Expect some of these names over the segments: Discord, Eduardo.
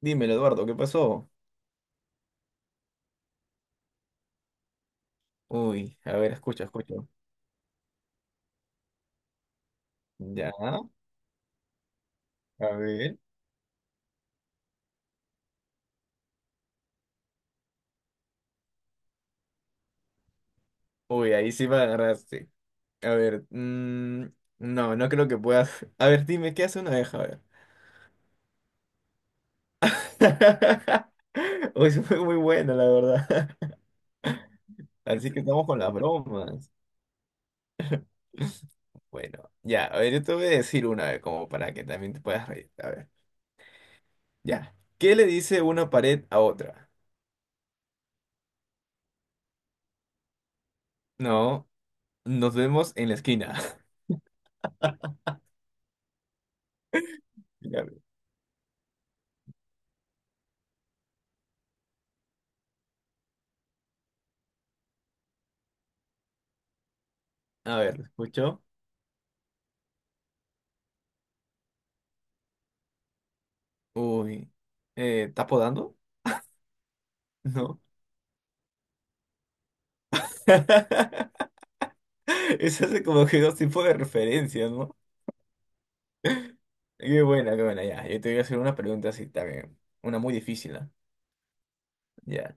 Dímelo, Eduardo, ¿qué pasó? Uy, a ver, escucha, escucha. Ya, a ver. Uy, ahí sí me agarraste. A ver, no creo que puedas. A ver, dime, ¿qué hace una abeja? A ver. Uy, eso fue muy buena, la verdad. Así que estamos con las bromas. Bueno, ya, a ver, yo te voy a decir una vez, como para que también te puedas reír. A ver, ya. ¿Qué le dice una pared a otra? No, nos vemos en la esquina. Ya, a ver, ¿lo escucho? Uy, ¿estás podando? ¿No? Eso hace como que dos tipos de referencias, ¿no? Qué buena, ya. Yo te voy a hacer una pregunta así también. Una muy difícil, ¿ah? Ya.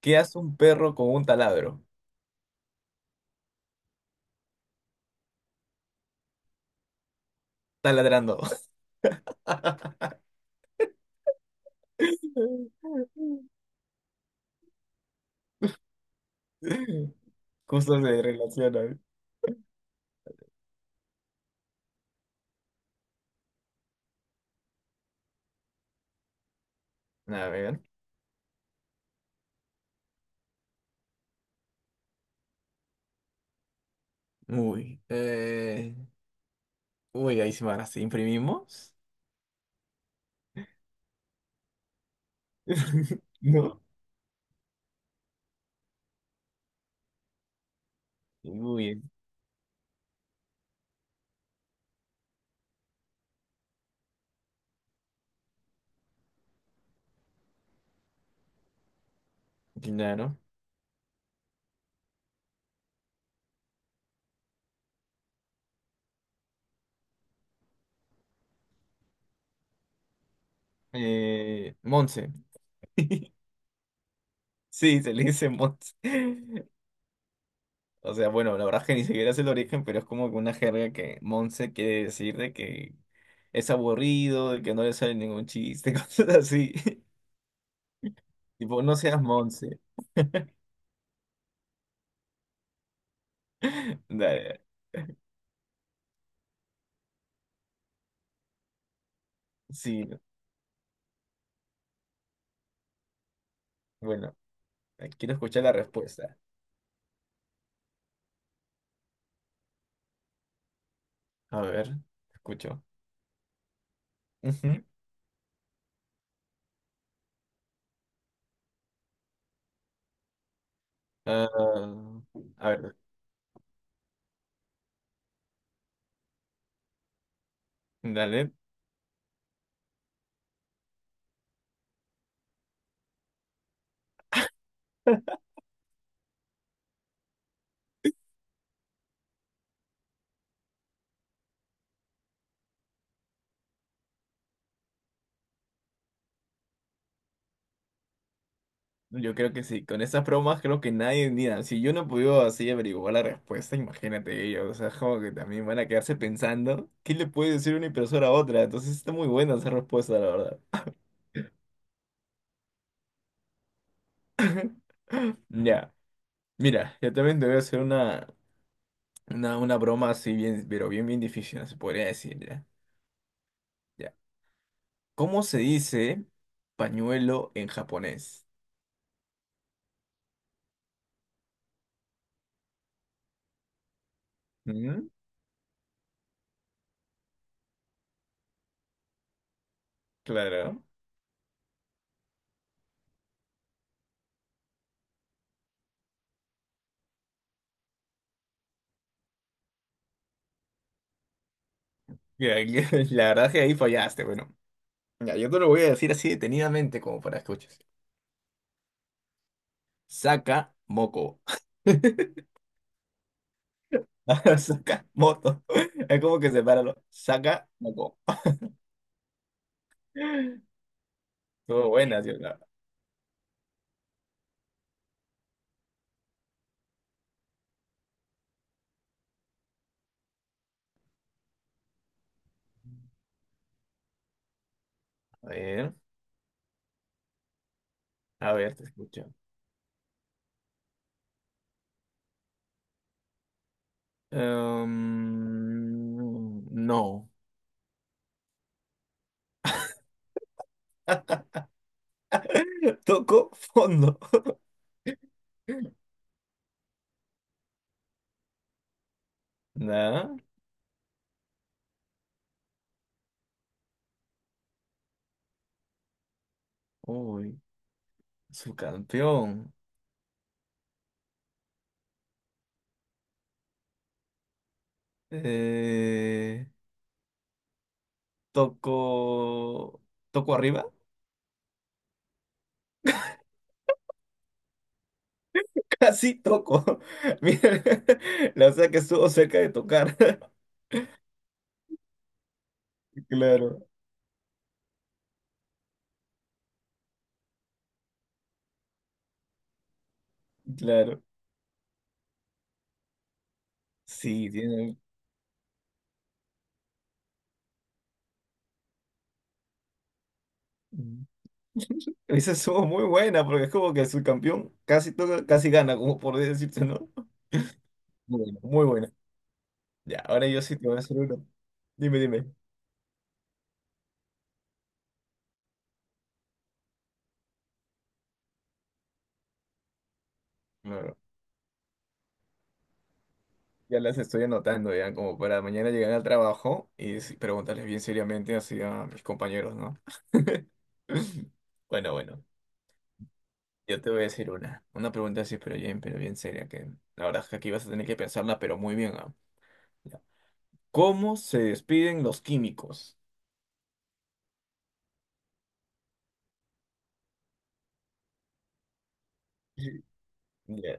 ¿Qué hace un perro con un taladro? Taladrando. Justo se relaciona, ¿eh? A ver. Uy. eh, Uy, ahí sí me agarraste. ¿Imprimimos? ¿No? Uy, claro. Monse. Sí, se le dice Monse. O sea, bueno, la verdad es que ni siquiera es el origen, pero es como que una jerga que Monse quiere decir de que es aburrido, de que no le sale ningún chiste, cosas así. Tipo, no seas Monse. Dale, sí, bueno, quiero escuchar la respuesta. A ver, escucho. Ujú. Ah, a ver, dale. Yo creo que sí, con esas bromas creo que nadie, mira, si yo no pude así averiguar la respuesta, imagínate ellos, o sea, como que también van a quedarse pensando, ¿qué le puede decir una impresora a otra? Entonces está muy buena esa respuesta, la verdad. Ya, mira, yo también te voy a hacer una broma así bien, pero bien, bien difícil, se podría decir, ya. Ya. ¿Cómo se dice pañuelo en japonés? ¿Mm? Claro. Ya, la verdad es que ahí fallaste, bueno. Ya, yo te lo voy a decir así detenidamente como para escuchar. Saca moco. Saca moto. Es como que sepáralo. Saca moco. Estuvo buena, sí, la- A ver, a ver, te escucho. Em, no. Tocó fondo. Nada. Uy, su campeón. Eh, toco. ¿Toco arriba? Casi toco. Mira, la verdad que estuvo cerca de tocar. Claro, claro. Sí, tiene. Mm. Esa estuvo muy buena porque es como que el subcampeón casi toca, casi gana, como por decirte, ¿no? Muy buena, muy buena. Ya, ahora yo sí te voy a hacer uno. Dime, dime. No, no, Ya las estoy anotando, ya, como para mañana llegar al trabajo y sí, preguntarles bien seriamente así a mis compañeros, ¿no? Bueno, bueno. Yo te voy a decir una. Una pregunta así, pero bien seria, que la verdad es que aquí vas a tener que pensarla, pero muy bien, ¿ah? Ya. ¿Cómo se despiden los químicos? Ya.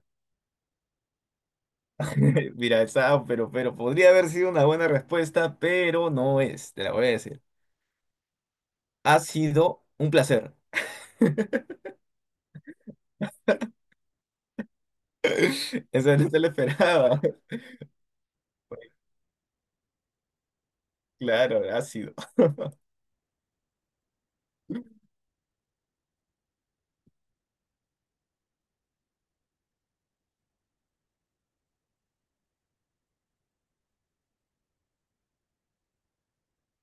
Mira, esa, pero podría haber sido una buena respuesta, pero no es, te la voy a decir. Ha sido un placer. Eso no te lo esperaba. Claro, ha sido.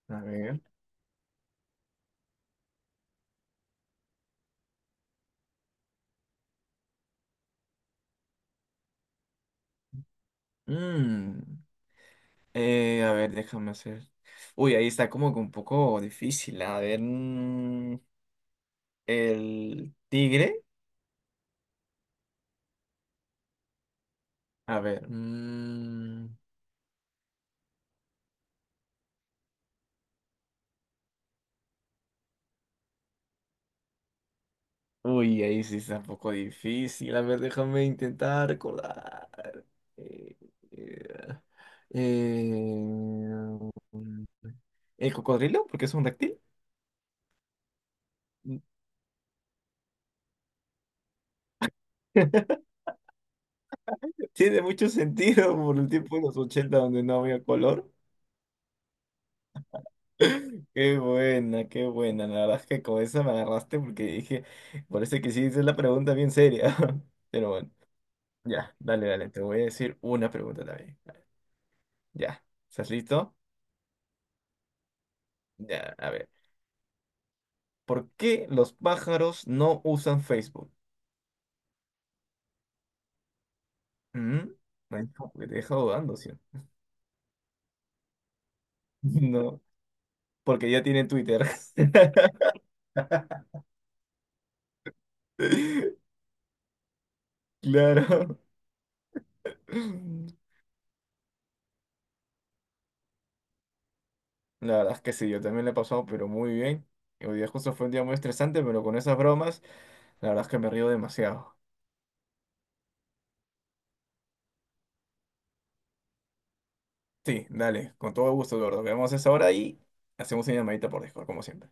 A ver. Mm, a ver, déjame hacer. Uy, ahí está como que un poco difícil. A ver, el tigre. A ver. Uy, ahí sí está un poco difícil. A ver, déjame intentar recordar. Eh, eh, eh, ¿El cocodrilo? Porque es un reptil. Tiene mucho sentido por el tiempo de los ochenta donde no había color. Qué buena, qué buena. La verdad es que con esa me agarraste porque dije, parece que sí, esa es la pregunta bien seria. Pero bueno, ya, dale, dale, te voy a decir una pregunta también. Ya, ¿estás listo? Ya, a ver. ¿Por qué los pájaros no usan Facebook? ¿Mm? Me deja dudando, ¿sí? No, porque ya tienen Twitter. Claro. La verdad es que sí, yo también le he pasado, pero muy bien. Y hoy día justo fue un día muy estresante, pero con esas bromas, la verdad es que me río demasiado. Sí, dale, con todo gusto, Eduardo. Quedamos a esa hora y hacemos una llamadita por Discord, como siempre.